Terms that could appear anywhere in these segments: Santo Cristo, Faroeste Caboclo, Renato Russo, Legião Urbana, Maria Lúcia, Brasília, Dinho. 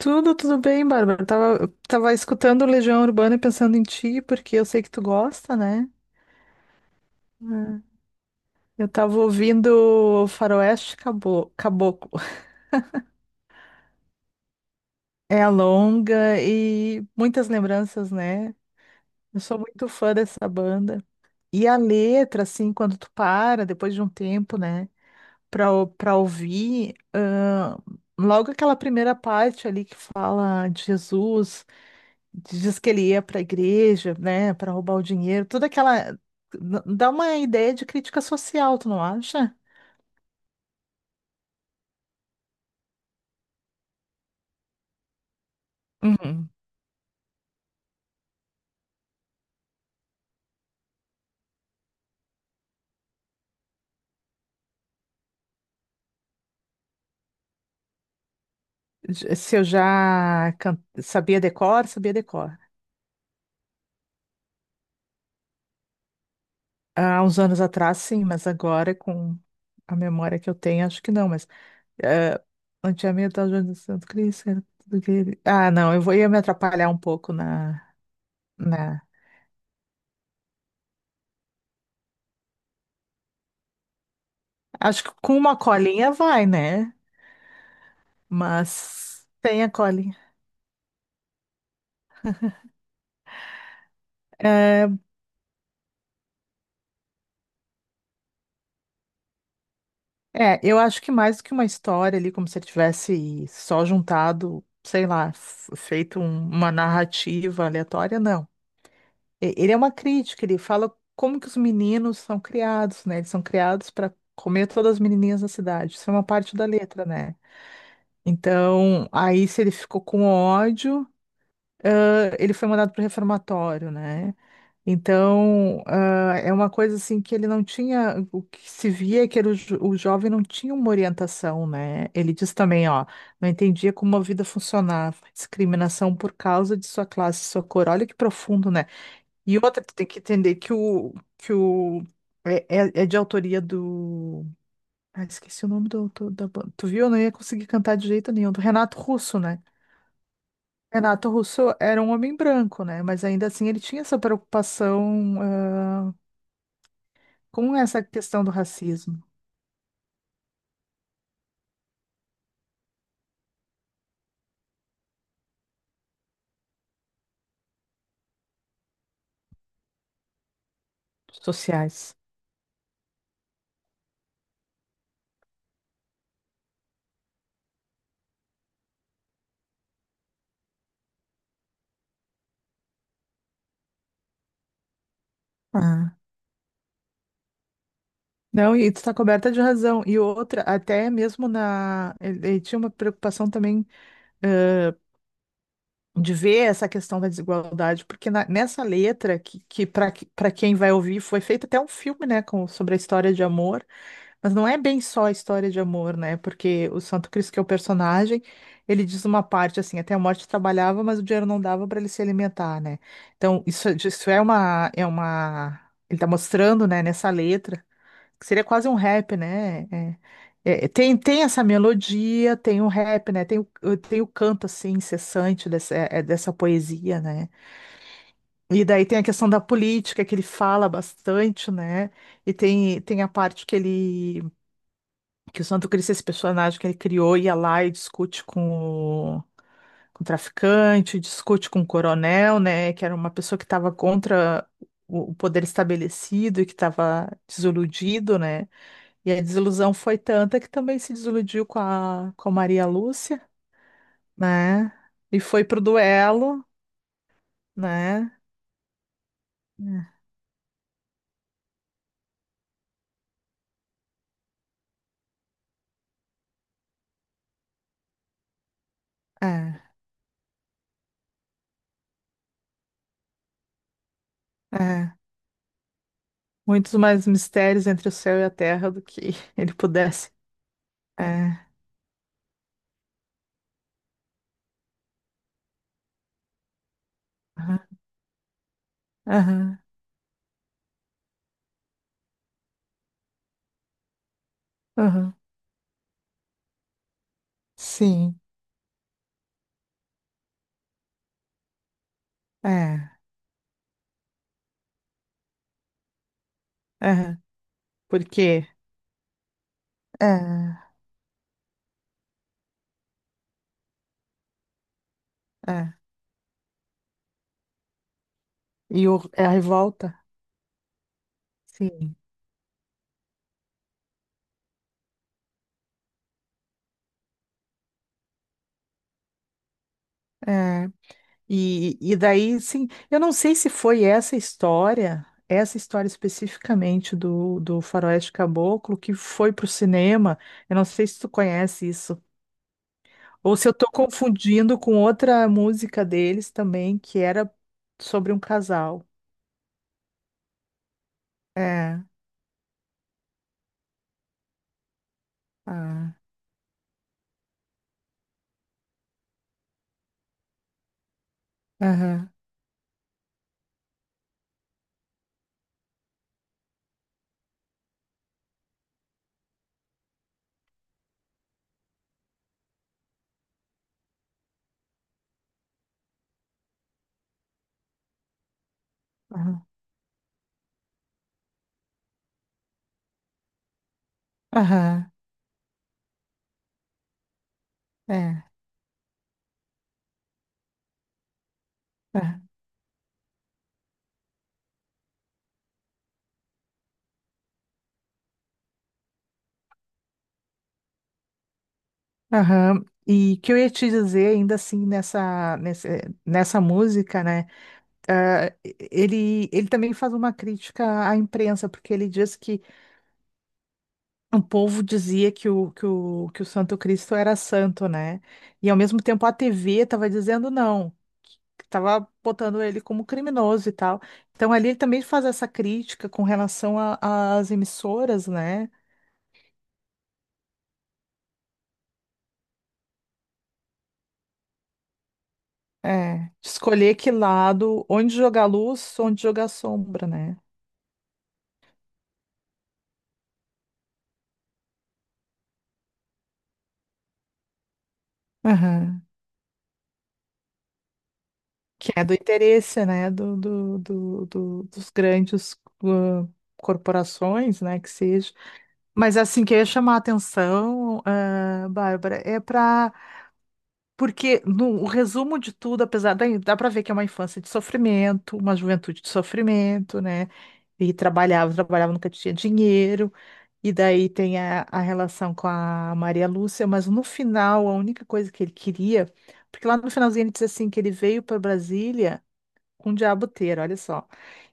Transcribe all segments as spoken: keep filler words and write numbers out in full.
Tudo, tudo bem, Bárbara. Eu Tava, eu tava escutando Legião Urbana e pensando em ti, porque eu sei que tu gosta, né? É. Eu tava ouvindo Faroeste Cabo- Caboclo. É a longa e muitas lembranças, né? Eu sou muito fã dessa banda. E a letra, assim, quando tu para, depois de um tempo, né, pra, ou- pra ouvir, ahn, logo aquela primeira parte ali que fala de Jesus. Diz que ele ia para a igreja, né, para roubar o dinheiro, toda aquela. n- Dá uma ideia de crítica social, tu não acha? Uhum. J- Se eu já can- sabia decor, sabia decor. Há uns anos atrás, sim, mas agora, com a memória que eu tenho, acho que não, mas. eh, Antigamente, a Joana do Santo Cristo, era tudo que ele- ah, não, eu vou ia me atrapalhar um pouco na, na. Acho que com uma colinha vai, né? Mas tem a colinha. Eh, É, eu acho que mais do que uma história ali, como se ele tivesse só juntado, sei lá, f- feito um- uma narrativa aleatória, não. E- Ele é uma crítica, ele fala como que os meninos são criados, né? Eles são criados para comer todas as menininhas da cidade. Isso é uma parte da letra, né? Então, aí se ele ficou com ódio, ãh, ele foi mandado pro reformatório, né? Então, ah, é uma coisa assim que ele não tinha, o que se via é que era o, jo- o jovem não tinha uma orientação, né? Ele diz também, ó, não entendia como a vida funcionava, discriminação por causa de sua classe, sua cor, olha que profundo, né? E outra, tu tem que entender que o, que o, é, é- é de autoria do, ah, esqueci o nome do autor da banda, tu viu? Eu não ia conseguir cantar de jeito nenhum, do Renato Russo, né? Renato Russo era um homem branco, né? Mas ainda assim ele tinha essa preocupação ah, Como é essa questão do racismo, dos sociais? Ah. Não, e tu está coberta de razão. E outra, até mesmo na. Ele ele tinha uma preocupação também, ãh, de ver essa questão da desigualdade, porque na- nessa letra, que, que para quem vai ouvir, foi feito até um filme, né, com, sobre a história de amor. Mas não é bem só a história de amor, né? Porque o Santo Cristo, que é o personagem, ele diz uma parte assim, até a morte trabalhava, mas o dinheiro não dava para ele se alimentar, né? Então, isso, isso é uma, é uma. Ele tá mostrando, né, nessa letra, que seria quase um rap, né? É- é- tem, tem essa melodia, tem o rap, né? Tem o, tem o canto, assim, incessante dessa, é- é, dessa poesia, né? E daí tem a questão da política, que ele fala bastante, né? E tem, tem a parte que ele que o Santo Cristo é esse personagem que ele criou, ia lá e discute com o, com o traficante, discute com o coronel, né, que era uma pessoa que estava contra o, o poder estabelecido e que estava desiludido, né, e a desilusão foi tanta que também se desiludiu com a, com a Maria Lúcia, né, e foi pro duelo, né, é, é, é. muitos mais mistérios entre o céu e a terra do que ele pudesse, é, aham, aham, aham, sim, é. É, porque é, é. E o- é a revolta, sim. É. E, e daí, sim, eu não sei se foi essa história, essa história especificamente do, do Faroeste Caboclo que foi pro cinema. Eu não sei se tu conhece isso. Ou se eu tô confundindo com outra música deles também, que era sobre um casal. É. Ah, aham, aham, aham, é. Aham. Aham. E que eu ia te dizer, ainda assim, nessa, nesse- nessa música, né? ah, ele, ele também faz uma crítica à imprensa, porque ele diz que o, povo dizia que o, que o, que o Santo Cristo era santo, né? E ao mesmo tempo a T V estava dizendo não, estava botando ele como criminoso e tal. Então ali ele também faz essa crítica com relação a- às emissoras, né? É, de escolher que lado, onde jogar luz, onde jogar sombra, né? Aham. Que é do interesse, né, do, do, do, do- dos grandes, ah, corporações, né, que seja. Mas assim, que eu ia chamar a atenção, ah, Bárbara, é para. Porque no o resumo de tudo, apesar da. Dá para ver que é uma infância de sofrimento, uma juventude de sofrimento, né? E trabalhava, trabalhava, nunca tinha dinheiro. E daí tem a, a relação com a Maria Lúcia, mas no final, a única coisa que ele queria. Porque lá no finalzinho ele diz assim, que ele veio para Brasília com diaboteira, olha só.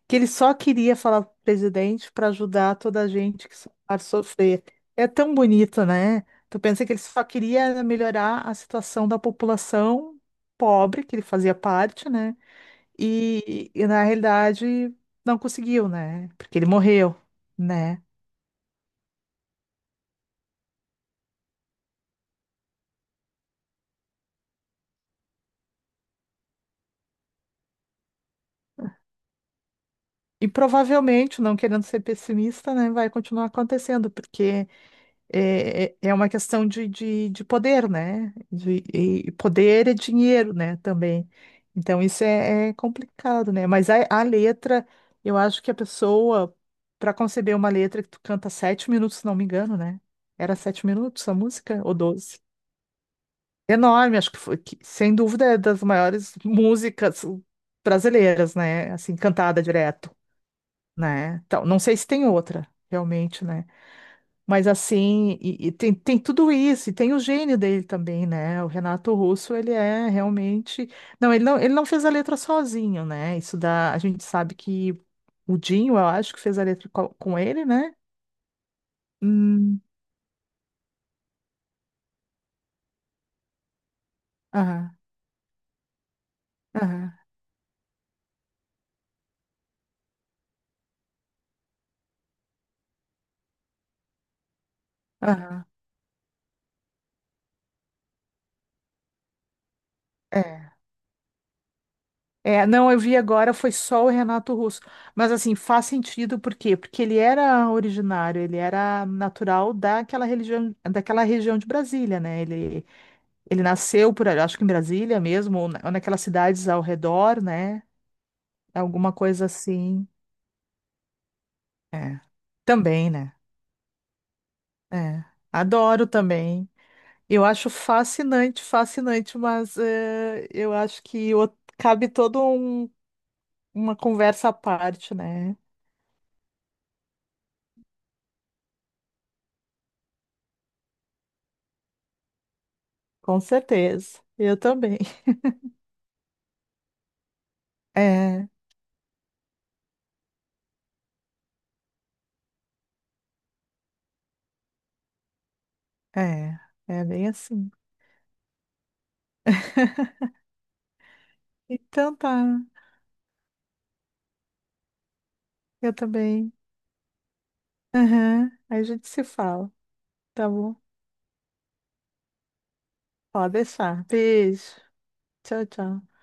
Que ele só queria falar pro presidente para ajudar toda a gente que a sofrer. É tão bonito, né? Tu pensa que ele só queria melhorar a situação da população pobre, que ele fazia parte, né? E, e na realidade não conseguiu, né? Porque ele morreu, né? E provavelmente, não querendo ser pessimista, né, vai continuar acontecendo, porque é, é é uma questão de, de, de poder, né? De, e poder é dinheiro, né? Também. Então, isso é, é complicado, né? Mas a, a letra, eu acho que a pessoa, para conceber uma letra que tu canta sete minutos, se não me engano, né? Era sete minutos a música, ou doze? Enorme, acho que foi, que, sem dúvida, é das maiores músicas brasileiras, né? Assim, cantada direto, né? Então, não sei se tem outra, realmente, né? Mas assim, e, e tem, tem tudo isso, e tem o gênio dele também, né? O Renato Russo, ele é realmente. Não, ele não, ele não fez a letra sozinho, né? Isso dá. A gente sabe que o Dinho, eu acho que fez a letra co- com ele, né? Hum, aham, aham, aham. É. É, não, eu vi agora, foi só o Renato Russo. Mas assim, faz sentido, por quê? Porque ele era originário, ele era natural daquela religião, daquela região de Brasília, né? Ele ele nasceu por ali, acho que em Brasília mesmo, ou na- ou naquelas cidades ao redor, né? Alguma coisa assim. É. Também, né? É. Adoro também. Eu acho fascinante, fascinante, mas eh, eu acho que o- cabe toda um- uma conversa à parte, né? Com certeza. Eu também. É, é, é bem assim. Então tá, eu também. Aham, aí a gente se fala, tá bom? Pode deixar. Beijo. Tchau, tchau.